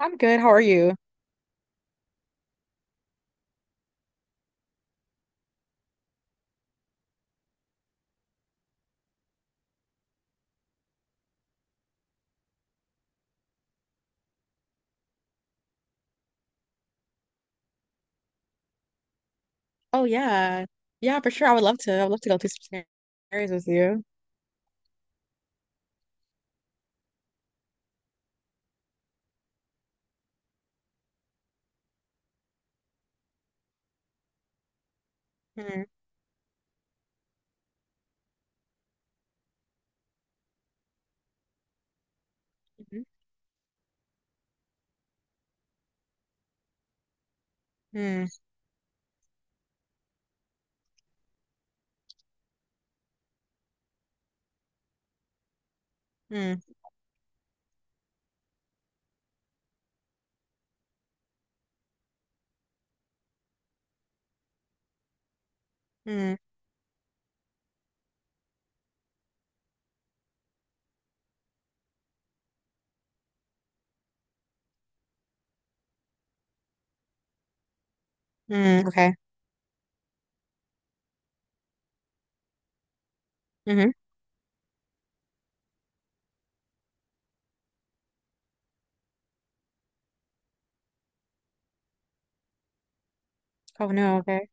I'm good. How are you? Oh yeah. Yeah, for sure. I would love to. I would love to go through some scenarios with you. Mm. Hmm. mm, mm, mm, mm. Okay. hmm Oh no, okay.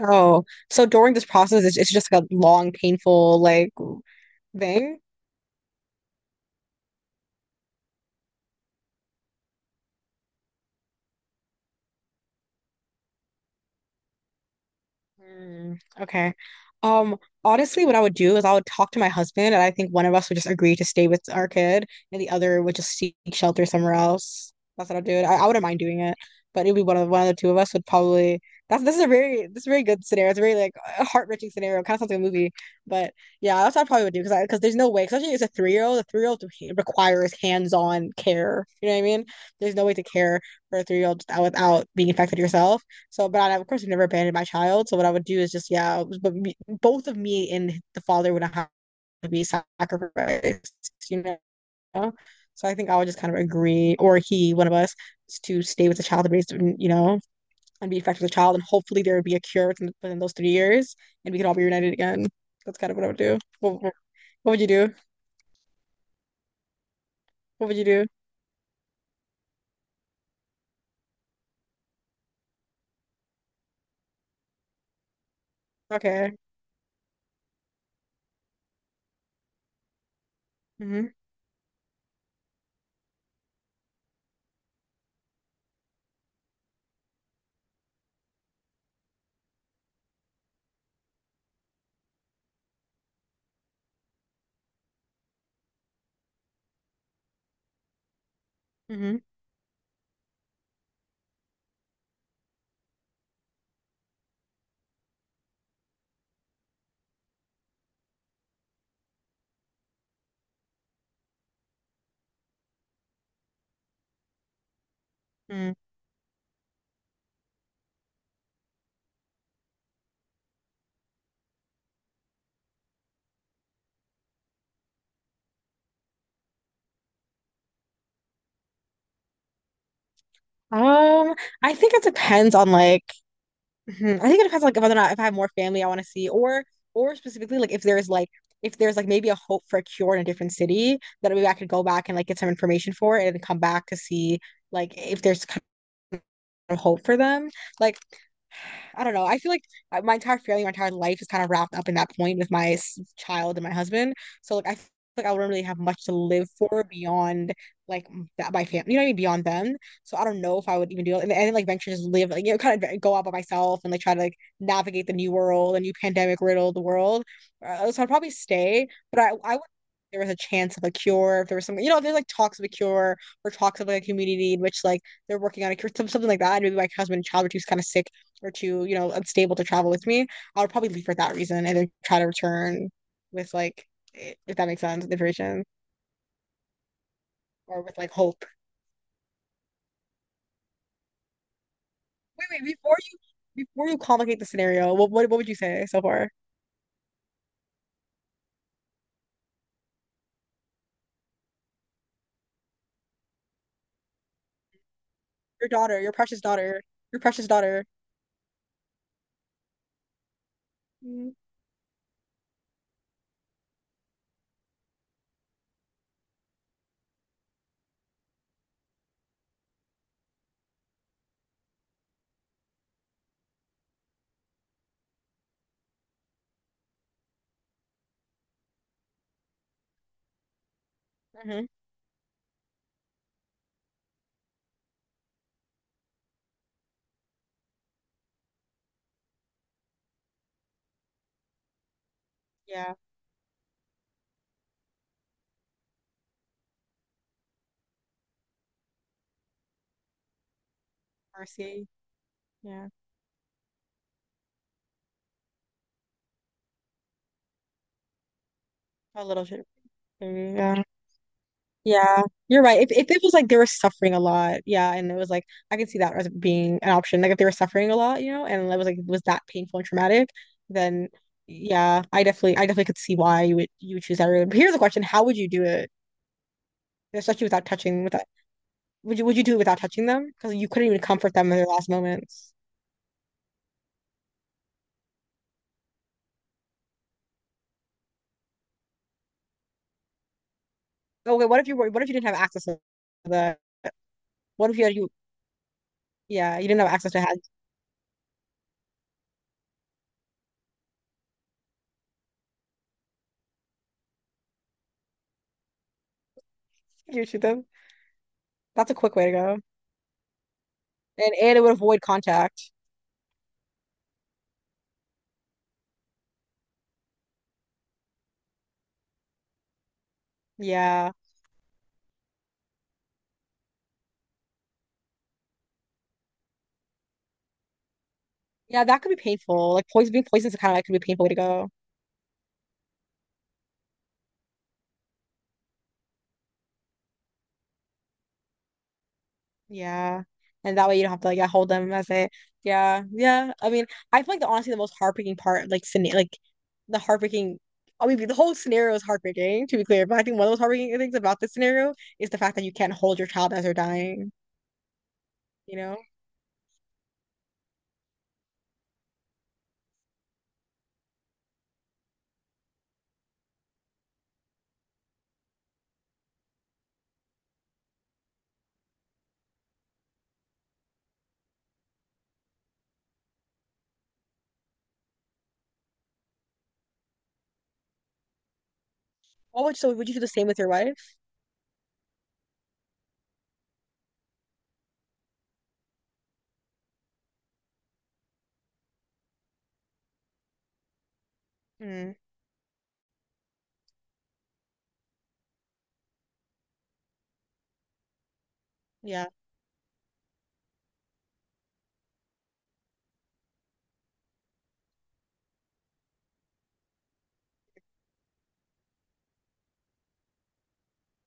Oh, so during this process, it's just like a long, painful thing. Mm, okay. Um, Honestly, what I would do is I would talk to my husband, and I think one of us would just agree to stay with our kid, and the other would just seek shelter somewhere else. That's what I'd do. I wouldn't mind doing it, but it would be one of the two of us would probably. That's this is a very this is a very good scenario. It's a very like a heart-wrenching scenario. Kind of sounds like a movie, but yeah, that's what I probably would do because there's no way, especially as a three-year-old requires hands-on care. You know what I mean? There's no way to care for a three-year-old without being infected yourself. So, but I, of course, I never abandoned my child. So, what I would do is just, yeah, but me, both of me and the father would have to be sacrificed, you know? So, I think I would just kind of agree, or he, one of us, to stay with the child and raise, you know, and be effective with the child. And hopefully, there would be a cure within those 3 years and we could all be reunited again. That's kind of what I would do. Would you do? What would you do? Okay. Mm-hmm. Mm-hmm. Mm-hmm. Um, I think it depends on like. Mhm. I think it depends, like, whether or not if I have more family I want to see, or specifically like if there's like maybe a hope for a cure in a different city, then maybe I could go back and like get some information for it and come back to see like if there's of hope for them. Like, I don't know. I feel like my entire family, my entire life is kind of wrapped up in that point with my child and my husband. So like, I feel like I wouldn't really have much to live for beyond like that my family. You know what I mean? Beyond them. So I don't know if I would even do it. And then like venture just live like you know kind of go out by myself and like try to like navigate the new world, the new pandemic riddled world. So I'd probably stay, but I would. There was a chance of a cure, if there was some, you know, if there's like talks of a cure or talks of like a community in which like they're working on a cure, something like that. And maybe my husband and child were too kind of sick or too, you know, unstable to travel with me. I would probably leave for that reason and then try to return with like, if that makes sense, information or with like hope. Wait, wait, before you complicate the scenario, what would you say so far? Your daughter, your precious daughter, your precious daughter. Mm-hmm. Yeah, mercy. Yeah, a little shit. Yeah. Yeah, you're right. If it was like they were suffering a lot, yeah, and it was like I could see that as being an option. Like if they were suffering a lot, you know, and it was like it was that painful and traumatic, then yeah, I definitely could see why you would choose that route. But here's the question: how would you do it, especially without touching? Without would you do it without touching them? Because you couldn't even comfort them in their last moments. Okay, what if you were? What if you didn't have access to the? What if you had you? Yeah, you didn't have access to how. You shoot them. That's a quick way to go, and it would avoid contact. Yeah. Yeah, that could be painful. Like poison being poisoned is kind of like could be a painful way to go. Yeah. And that way you don't have to like yeah, hold them as it. Yeah. Yeah. I mean, I feel like the honestly the most heartbreaking part, like scena- like the heartbreaking I mean the whole scenario is heartbreaking, to be clear. But I think one of those heartbreaking things about this scenario is the fact that you can't hold your child as they're dying, you know? What would so would you do the same with your wife? Mm, yeah.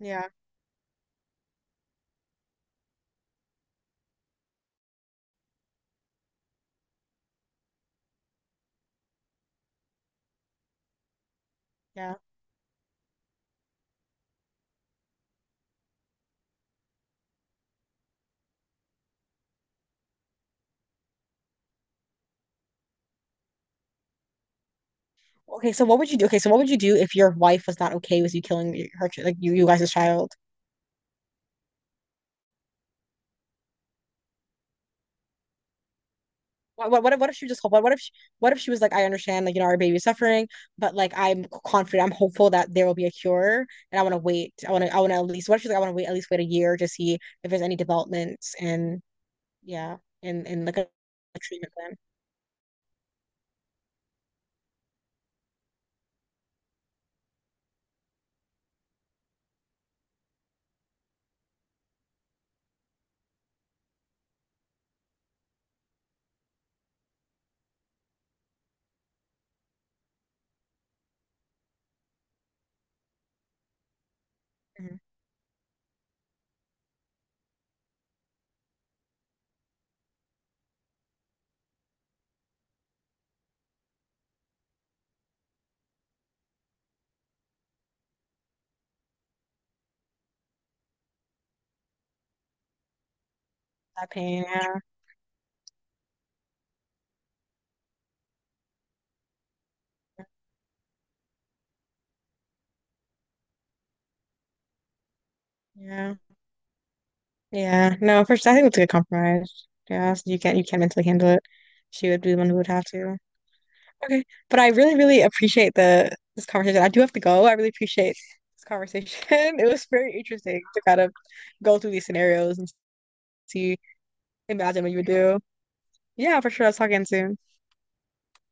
Yeah. Yeah. Okay, so what would you do if your wife was not okay with you killing her, like you guys' child? What if she just what if she was like I understand like you know our baby's suffering but like I'm confident I'm hopeful that there will be a cure and I want to wait I want to at least what if she's like I want to wait at least wait a year to see if there's any developments and yeah and like a treatment plan. Mhm. That pain, yeah, yeah yeah no for sure I think it's a good compromise yeah so you can't mentally handle it she would be the one who would have to. Okay. But I really, really appreciate the this conversation. I do have to go. I really appreciate this conversation. It was very interesting to kind of go through these scenarios and see, imagine what you would do. Yeah, for sure. Let's talk again soon.